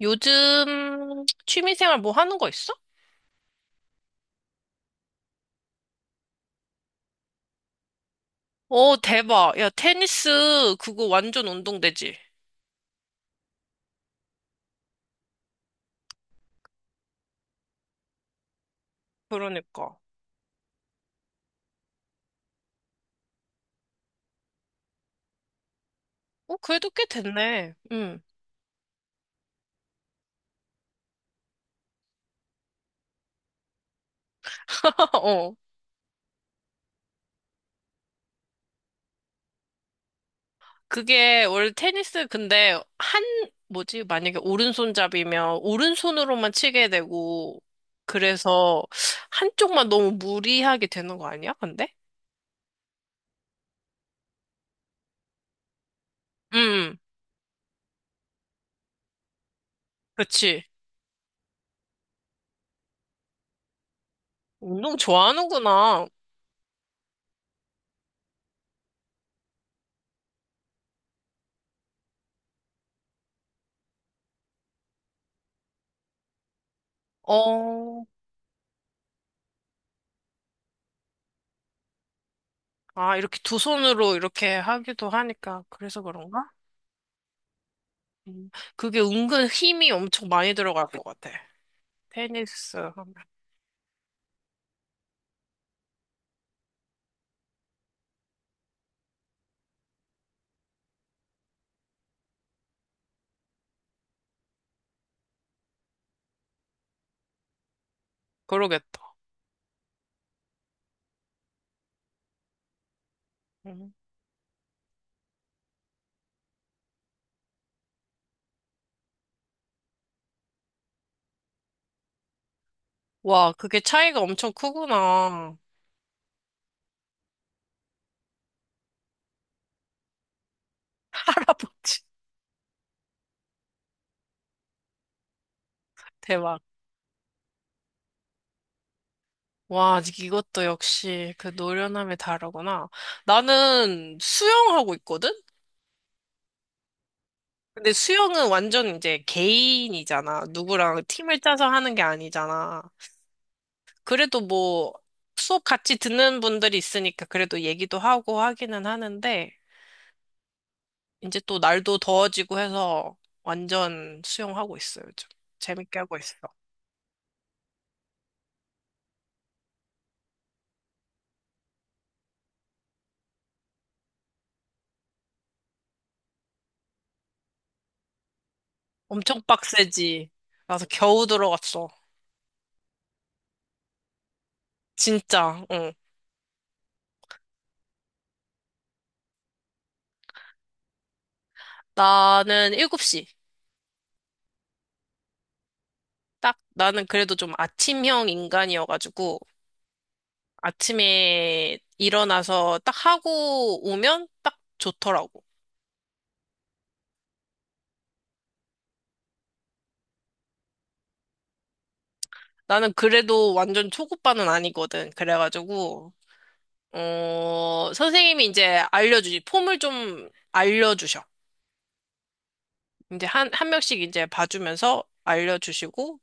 요즘 취미생활 뭐 하는 거 있어? 어, 대박. 야, 테니스 그거 완전 운동되지. 그러니까. 어, 그래도 꽤 됐네. 응. 어. 그게 원래 테니스 근데 한 뭐지? 만약에 오른손잡이면 오른손으로만 치게 되고 그래서 한쪽만 너무 무리하게 되는 거 아니야? 근데? 응. 응. 그치. 운동 좋아하는구나. 어. 아, 이렇게 두 손으로 이렇게 하기도 하니까 그래서 그런가? 음. 그게 은근 힘이 엄청 많이 들어갈 것 같아. 테니스. 하면. 그러겠다. 음. 와, 그게 차이가 엄청 크구나. 할아버지. 대박. 와, 이것도 역시 그 노련함이 다르구나. 나는 수영하고 있거든? 근데 수영은 완전 이제 개인이잖아. 누구랑 팀을 짜서 하는 게 아니잖아. 그래도 뭐 수업 같이 듣는 분들이 있으니까 그래도 얘기도 하고 하기는 하는데, 이제 또 날도 더워지고 해서 완전 수영하고 있어요, 요즘. 재밌게 하고 있어. 엄청 빡세지. 나서 겨우 들어갔어. 진짜, 응. 나는 7시. 딱, 나는 그래도 좀 아침형 인간이어가지고, 아침에 일어나서 딱 하고 오면 딱 좋더라고. 나는 그래도 완전 초급반은 아니거든. 그래가지고, 어, 선생님이 이제 알려주지. 폼을 좀 알려주셔. 이제 한 명씩 이제 봐주면서 알려주시고,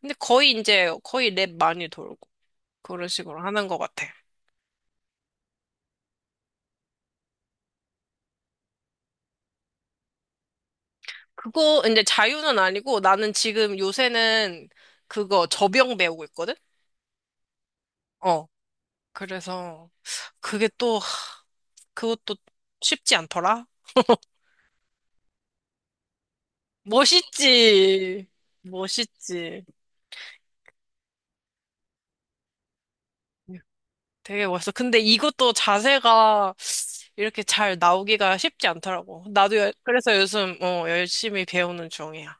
근데 거의 이제 거의 랩 많이 돌고, 그런 식으로 하는 것 같아. 그거 이제 자유는 아니고 나는 지금 요새는 그거 접영 배우고 있거든? 어. 그래서 그게 또, 하, 그것도 쉽지 않더라? 멋있지. 멋있지. 되게 멋있어. 근데 이것도 자세가 이렇게 잘 나오기가 쉽지 않더라고. 나도 그래서 요즘 어, 열심히 배우는 중이야.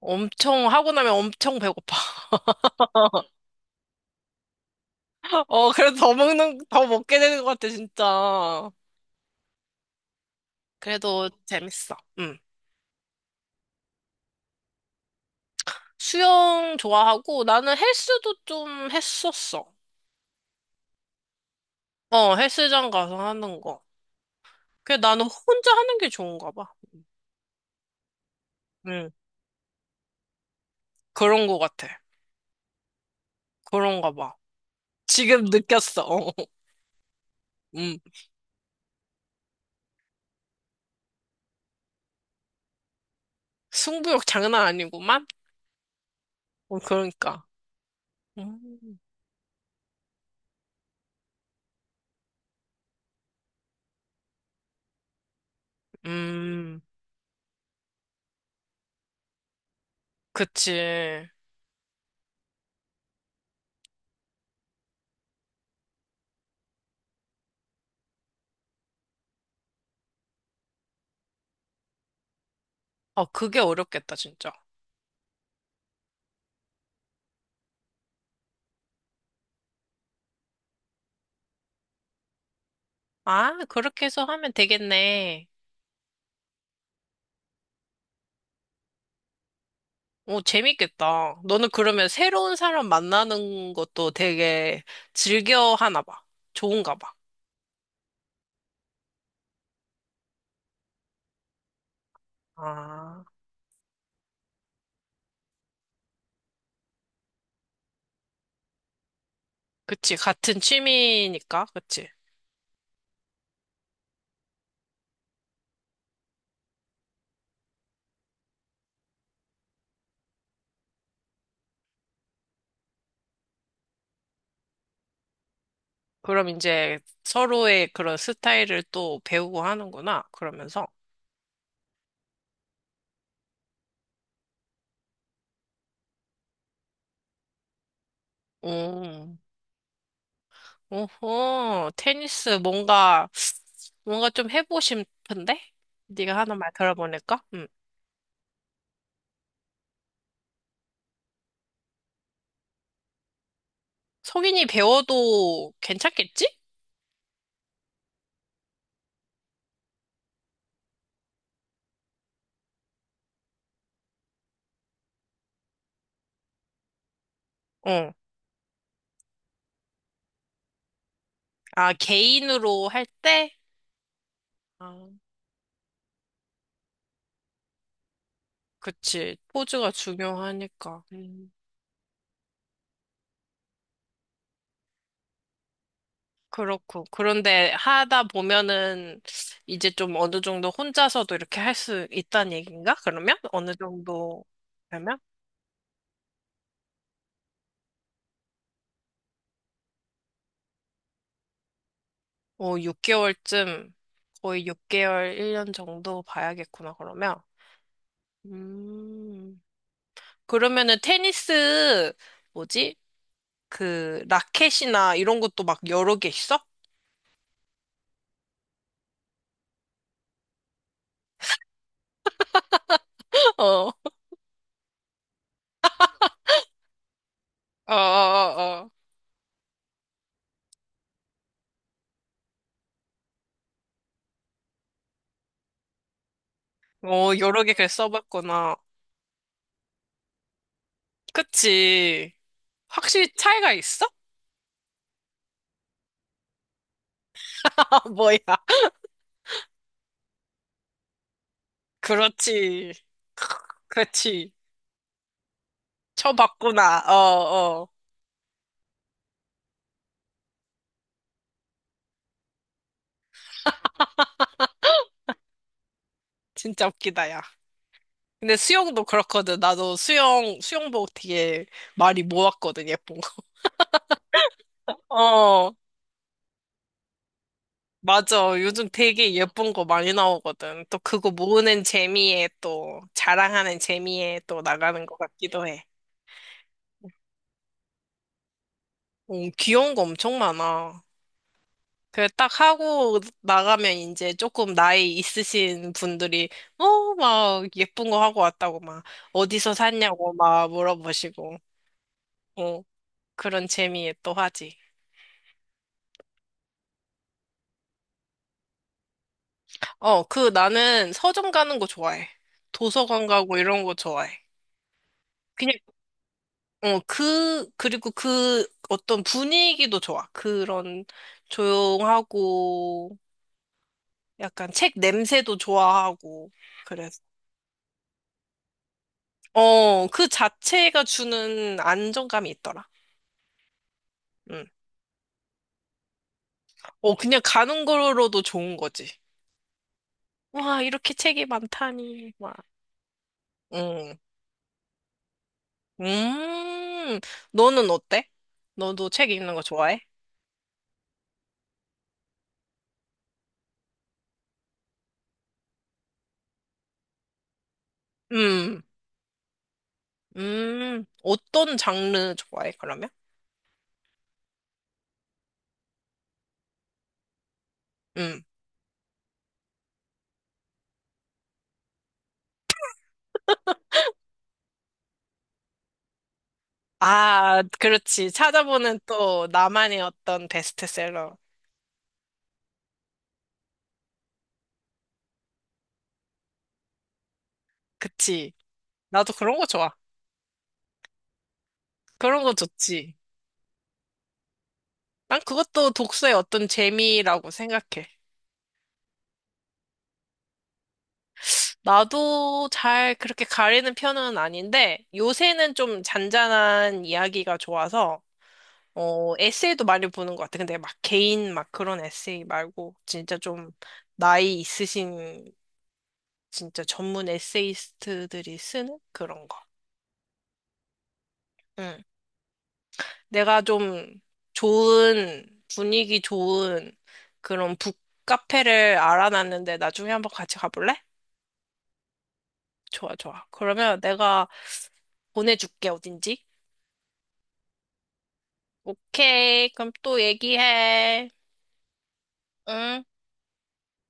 엄청 하고 나면 엄청 배고파. 어, 그래도 더 먹는, 더 먹게 되는 것 같아, 진짜. 그래도 재밌어. 응. 수영 좋아하고 나는 헬스도 좀 했었어. 어, 헬스장 가서 하는 거. 그래, 나는 혼자 하는 게 좋은가 봐. 응. 그런 것 같아. 그런가 봐. 지금 느꼈어. 어. 음. 승부욕 장난 아니구만? 어, 그러니까. 음. 음. 그치. 어, 그게 어렵겠다, 진짜. 아, 그렇게 해서 하면 되겠네. 오, 재밌겠다. 너는 그러면 새로운 사람 만나는 것도 되게 즐겨 하나 봐. 좋은가 봐. 아, 그치. 같은 취미니까, 그치. 그럼 이제 서로의 그런 스타일을 또 배우고 하는구나. 그러면서. 음, 오호, 테니스 뭔가, 뭔가 좀 해보고 싶은데? 네가 하는 말 들어보니까? 음. 성인이 배워도 괜찮겠지? 어. 아, 개인으로 할 때? 아, 그치. 포즈가 중요하니까. 그렇고. 그런데 하다 보면은 이제 좀 어느 정도 혼자서도 이렇게 할 수 있다는 얘기인가? 그러면? 어느 정도 되면? 어, 6개월쯤, 거의 6개월, 1년 정도 봐야겠구나, 그러면. 음, 그러면은 테니스, 뭐지? 그, 라켓이나 이런 것도 막 여러 개 있어? 어, 어, 어, 어. 어, 여러 개 글 써봤구나. 그치. 확실히 차이가 있어? 뭐야. 그렇지. 그렇지. 쳐봤구나. 어, 어. 진짜 웃기다, 야. 근데 수영도 그렇거든. 나도 수영, 수영복 되게 많이 모았거든, 예쁜 거. 어, 맞아. 요즘 되게 예쁜 거 많이 나오거든. 또 그거 모으는 재미에 또, 자랑하는 재미에 또 나가는 것 같기도 해. 어, 귀여운 거 엄청 많아. 그 딱 하고 나가면 이제 조금 나이 있으신 분들이 어 막 예쁜 거 하고 왔다고 막 어디서 샀냐고 막 물어보시고 어 그런 재미에 또 하지. 어 그 나는 서점 가는 거 좋아해. 도서관 가고 이런 거 좋아해. 그냥 어 그 그리고 그 어떤 분위기도 좋아. 그런 조용하고 약간 책 냄새도 좋아하고 그래서. 어, 그 자체가 주는 안정감이 있더라. 응. 어, 그냥 가는 거로도 좋은 거지. 와, 이렇게 책이 많다니. 와. 응. 음, 너는 어때? 너도 책 읽는 거 좋아해? 음, 어떤 장르 좋아해, 그러면? 음. 아, 그렇지. 찾아보는 또 나만의 어떤 베스트셀러. 그치. 나도 그런 거 좋아. 그런 거 좋지. 난 그것도 독서의 어떤 재미라고 생각해. 나도 잘 그렇게 가리는 편은 아닌데, 요새는 좀 잔잔한 이야기가 좋아서, 어, 에세이도 많이 보는 것 같아. 근데 막 개인 막 그런 에세이 말고, 진짜 좀 나이 있으신, 진짜 전문 에세이스트들이 쓰는 그런 거. 응. 내가 좀 좋은, 분위기 좋은 그런 북카페를 알아놨는데 나중에 한번 같이 가볼래? 좋아, 좋아. 그러면 내가 보내줄게, 어딘지. 오케이. 그럼 또 얘기해. 응?